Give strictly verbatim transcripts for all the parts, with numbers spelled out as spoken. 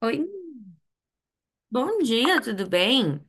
Oi, bom dia, tudo bem?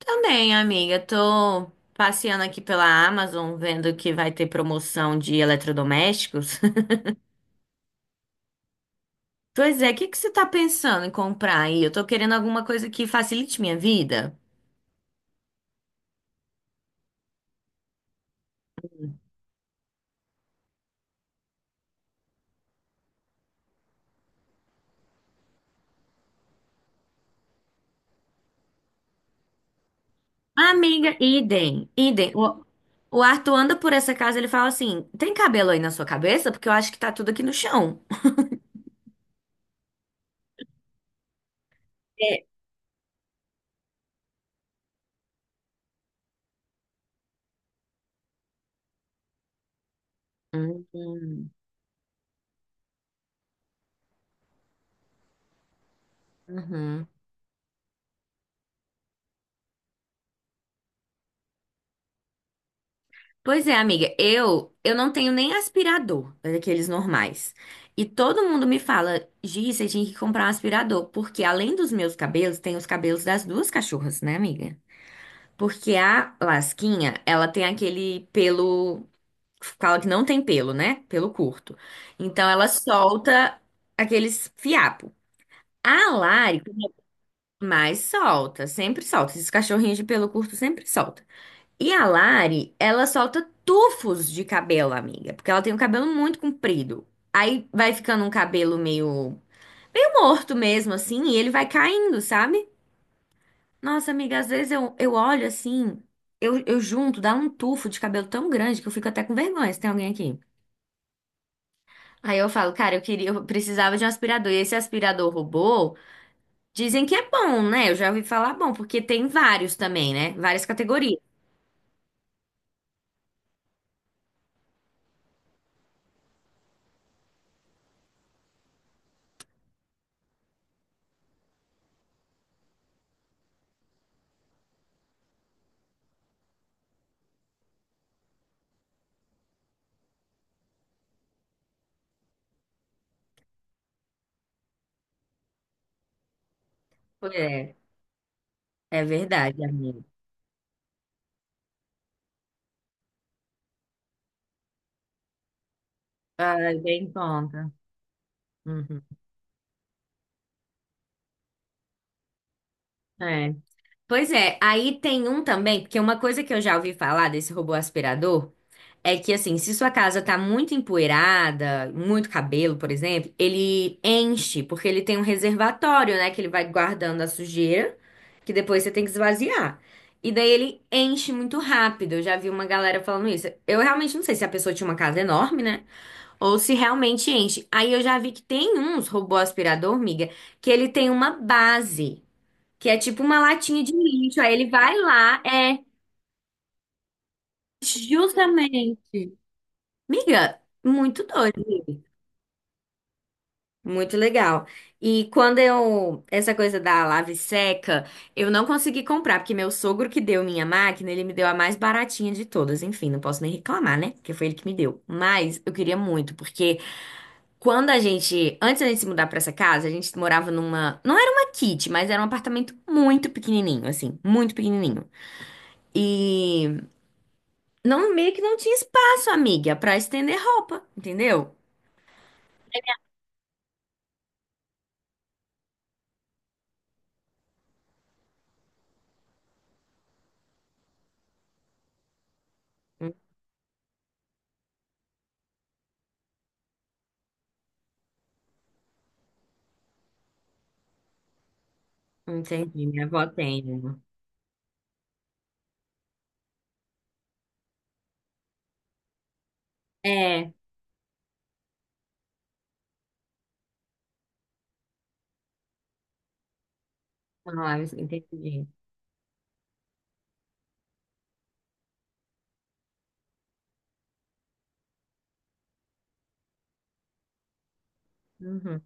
Também, amiga, tô passeando aqui pela Amazon, vendo que vai ter promoção de eletrodomésticos. Pois é, o que que você tá pensando em comprar aí? Eu tô querendo alguma coisa que facilite minha vida. Amiga, idem, idem. O, o Arthur anda por essa casa, ele fala assim, tem cabelo aí na sua cabeça? Porque eu acho que tá tudo aqui no chão. É. Uhum. Uhum. Pois é, amiga, eu eu não tenho nem aspirador daqueles normais. E todo mundo me fala, Gi, você tinha que comprar um aspirador, porque além dos meus cabelos, tem os cabelos das duas cachorras, né, amiga? Porque a Lasquinha, ela tem aquele pelo, fala que não tem pelo, né? Pelo curto. Então ela solta aqueles fiapos. A Lari mais solta, sempre solta. Esses cachorrinhos de pelo curto sempre solta. E a Lari, ela solta tufos de cabelo, amiga, porque ela tem um cabelo muito comprido. Aí vai ficando um cabelo meio, meio morto mesmo, assim, e ele vai caindo, sabe? Nossa, amiga, às vezes eu, eu olho assim, eu, eu junto, dá um tufo de cabelo tão grande que eu fico até com vergonha se tem alguém aqui. Aí eu falo, cara, eu queria, eu precisava de um aspirador. E esse aspirador robô, dizem que é bom, né? Eu já ouvi falar bom, porque tem vários também, né? Várias categorias. É, é verdade, amiga. Ai, bem bom. Uhum. É. Pois é, aí tem um também, porque uma coisa que eu já ouvi falar desse robô aspirador é que, assim, se sua casa tá muito empoeirada, muito cabelo, por exemplo, ele enche, porque ele tem um reservatório, né, que ele vai guardando a sujeira, que depois você tem que esvaziar. E daí ele enche muito rápido. Eu já vi uma galera falando isso. Eu realmente não sei se a pessoa tinha uma casa enorme, né? Ou se realmente enche. Aí eu já vi que tem uns robô aspirador, miga, que ele tem uma base. Que é tipo uma latinha de lixo. Aí ele vai lá, é justamente. Miga, muito doido, muito legal. E quando eu, essa coisa da lave seca, eu não consegui comprar, porque meu sogro que deu minha máquina, ele me deu a mais baratinha de todas. Enfim, não posso nem reclamar, né? Porque foi ele que me deu. Mas eu queria muito, porque quando a gente, antes da gente se mudar pra essa casa, a gente morava numa, não era uma kit, mas era um apartamento muito pequenininho, assim, muito pequenininho. E não, meio que não tinha espaço, amiga, pra estender roupa, entendeu? Hum, Entendi, minha avó tem uma. É, ah, entendi. Uhum.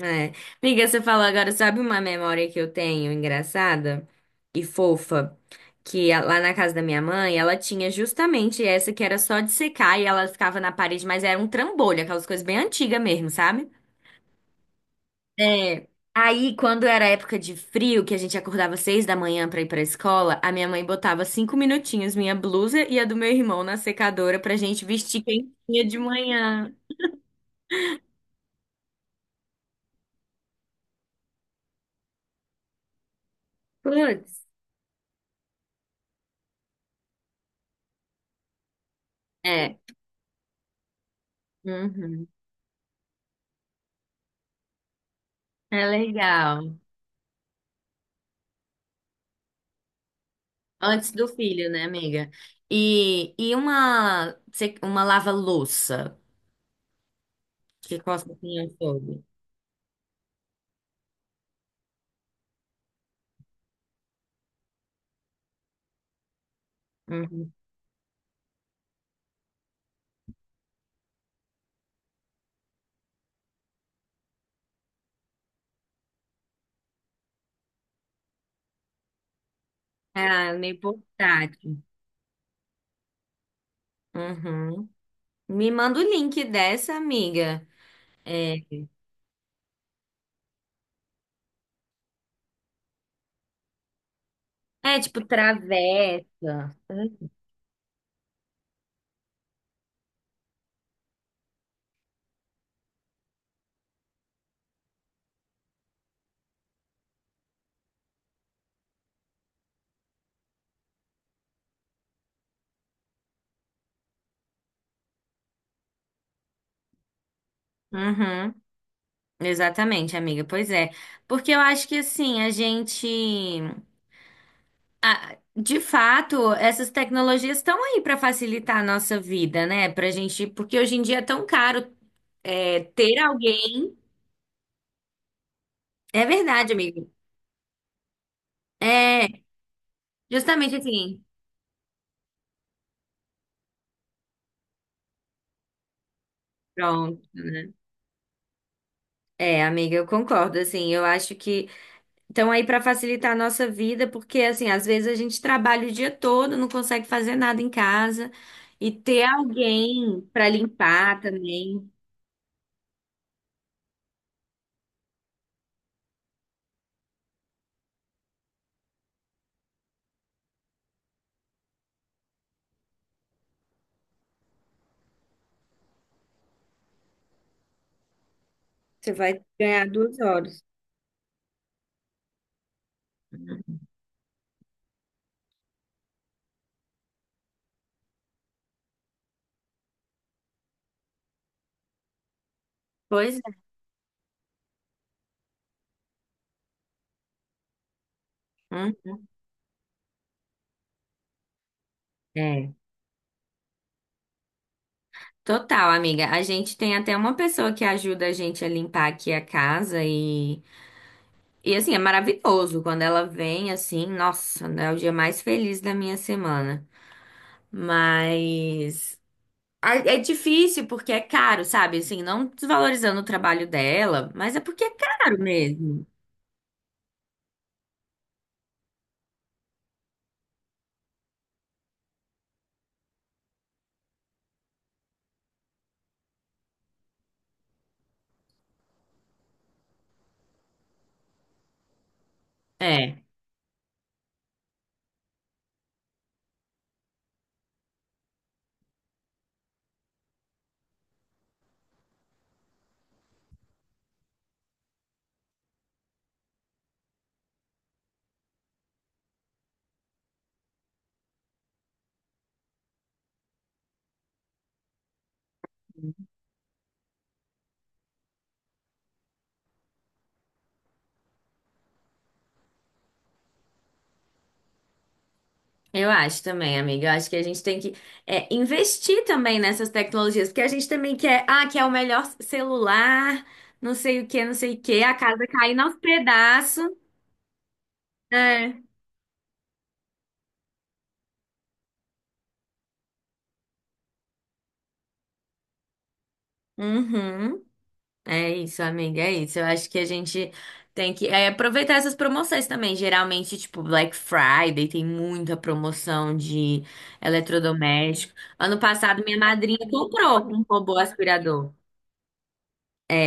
É. Amiga, você falou agora, sabe uma memória que eu tenho engraçada e fofa? Que a- lá na casa da minha mãe, ela tinha justamente essa que era só de secar e ela ficava na parede, mas era um trambolho, aquelas coisas bem antigas mesmo, sabe? É. Aí, quando era época de frio, que a gente acordava às seis da manhã pra ir pra escola, a minha mãe botava cinco minutinhos minha blusa e a do meu irmão na secadora pra gente vestir quentinha de manhã. Putz. É. Uhum. É legal. Antes do filho, né, amiga? E, e uma, se- uma lava-louça que costa assim ao fogo. Uhum. Ah, meio portátil. Uhum. Me manda o link dessa, amiga. É, é tipo travessa. Uhum, exatamente, amiga. Pois é. Porque eu acho que assim, a gente. Ah, de fato, essas tecnologias estão aí para facilitar a nossa vida, né? Pra gente. Porque hoje em dia é tão caro é, ter alguém. É verdade, amiga. É, justamente assim. Pronto. Né? É, amiga, eu concordo. Assim, eu acho que. Então, aí, para facilitar a nossa vida, porque, assim, às vezes a gente trabalha o dia todo, não consegue fazer nada em casa, e ter alguém para limpar também, você vai ganhar duas horas. Pois é. Hum, é. Total, amiga. A gente tem até uma pessoa que ajuda a gente a limpar aqui a casa e, e assim, é maravilhoso quando ela vem assim, nossa, é o dia mais feliz da minha semana. Mas a- É difícil porque é caro, sabe? Assim, não desvalorizando o trabalho dela, mas é porque é caro mesmo. É. Eu acho também, amiga. Eu acho que a gente tem que é, investir também nessas tecnologias, porque a gente também quer, ah, quer o melhor celular, não sei o que, não sei o que, a casa cair aos pedaços. É. Uhum. É isso, amiga, é isso. Eu acho que a gente tem que é, aproveitar essas promoções também. Geralmente, tipo, Black Friday tem muita promoção de eletrodoméstico. Ano passado, minha madrinha comprou um robô aspirador. É,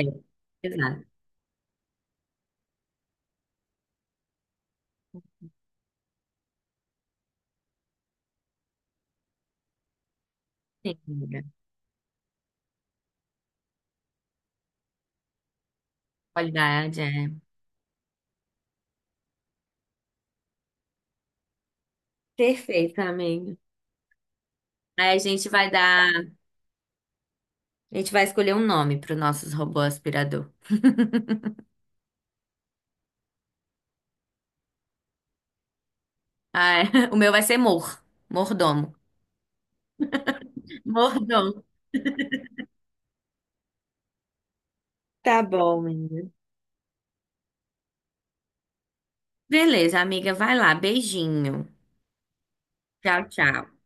exato. Sim, amiga. Qualidade, é. Perfeito, amigo. Aí a gente vai dar. A gente vai escolher um nome para os nossos robô aspirador. Ah, é. O meu vai ser Mor. Mordomo. Mordomo. Tá bom, menina. Beleza, amiga, vai lá. Beijinho. Tchau, tchau.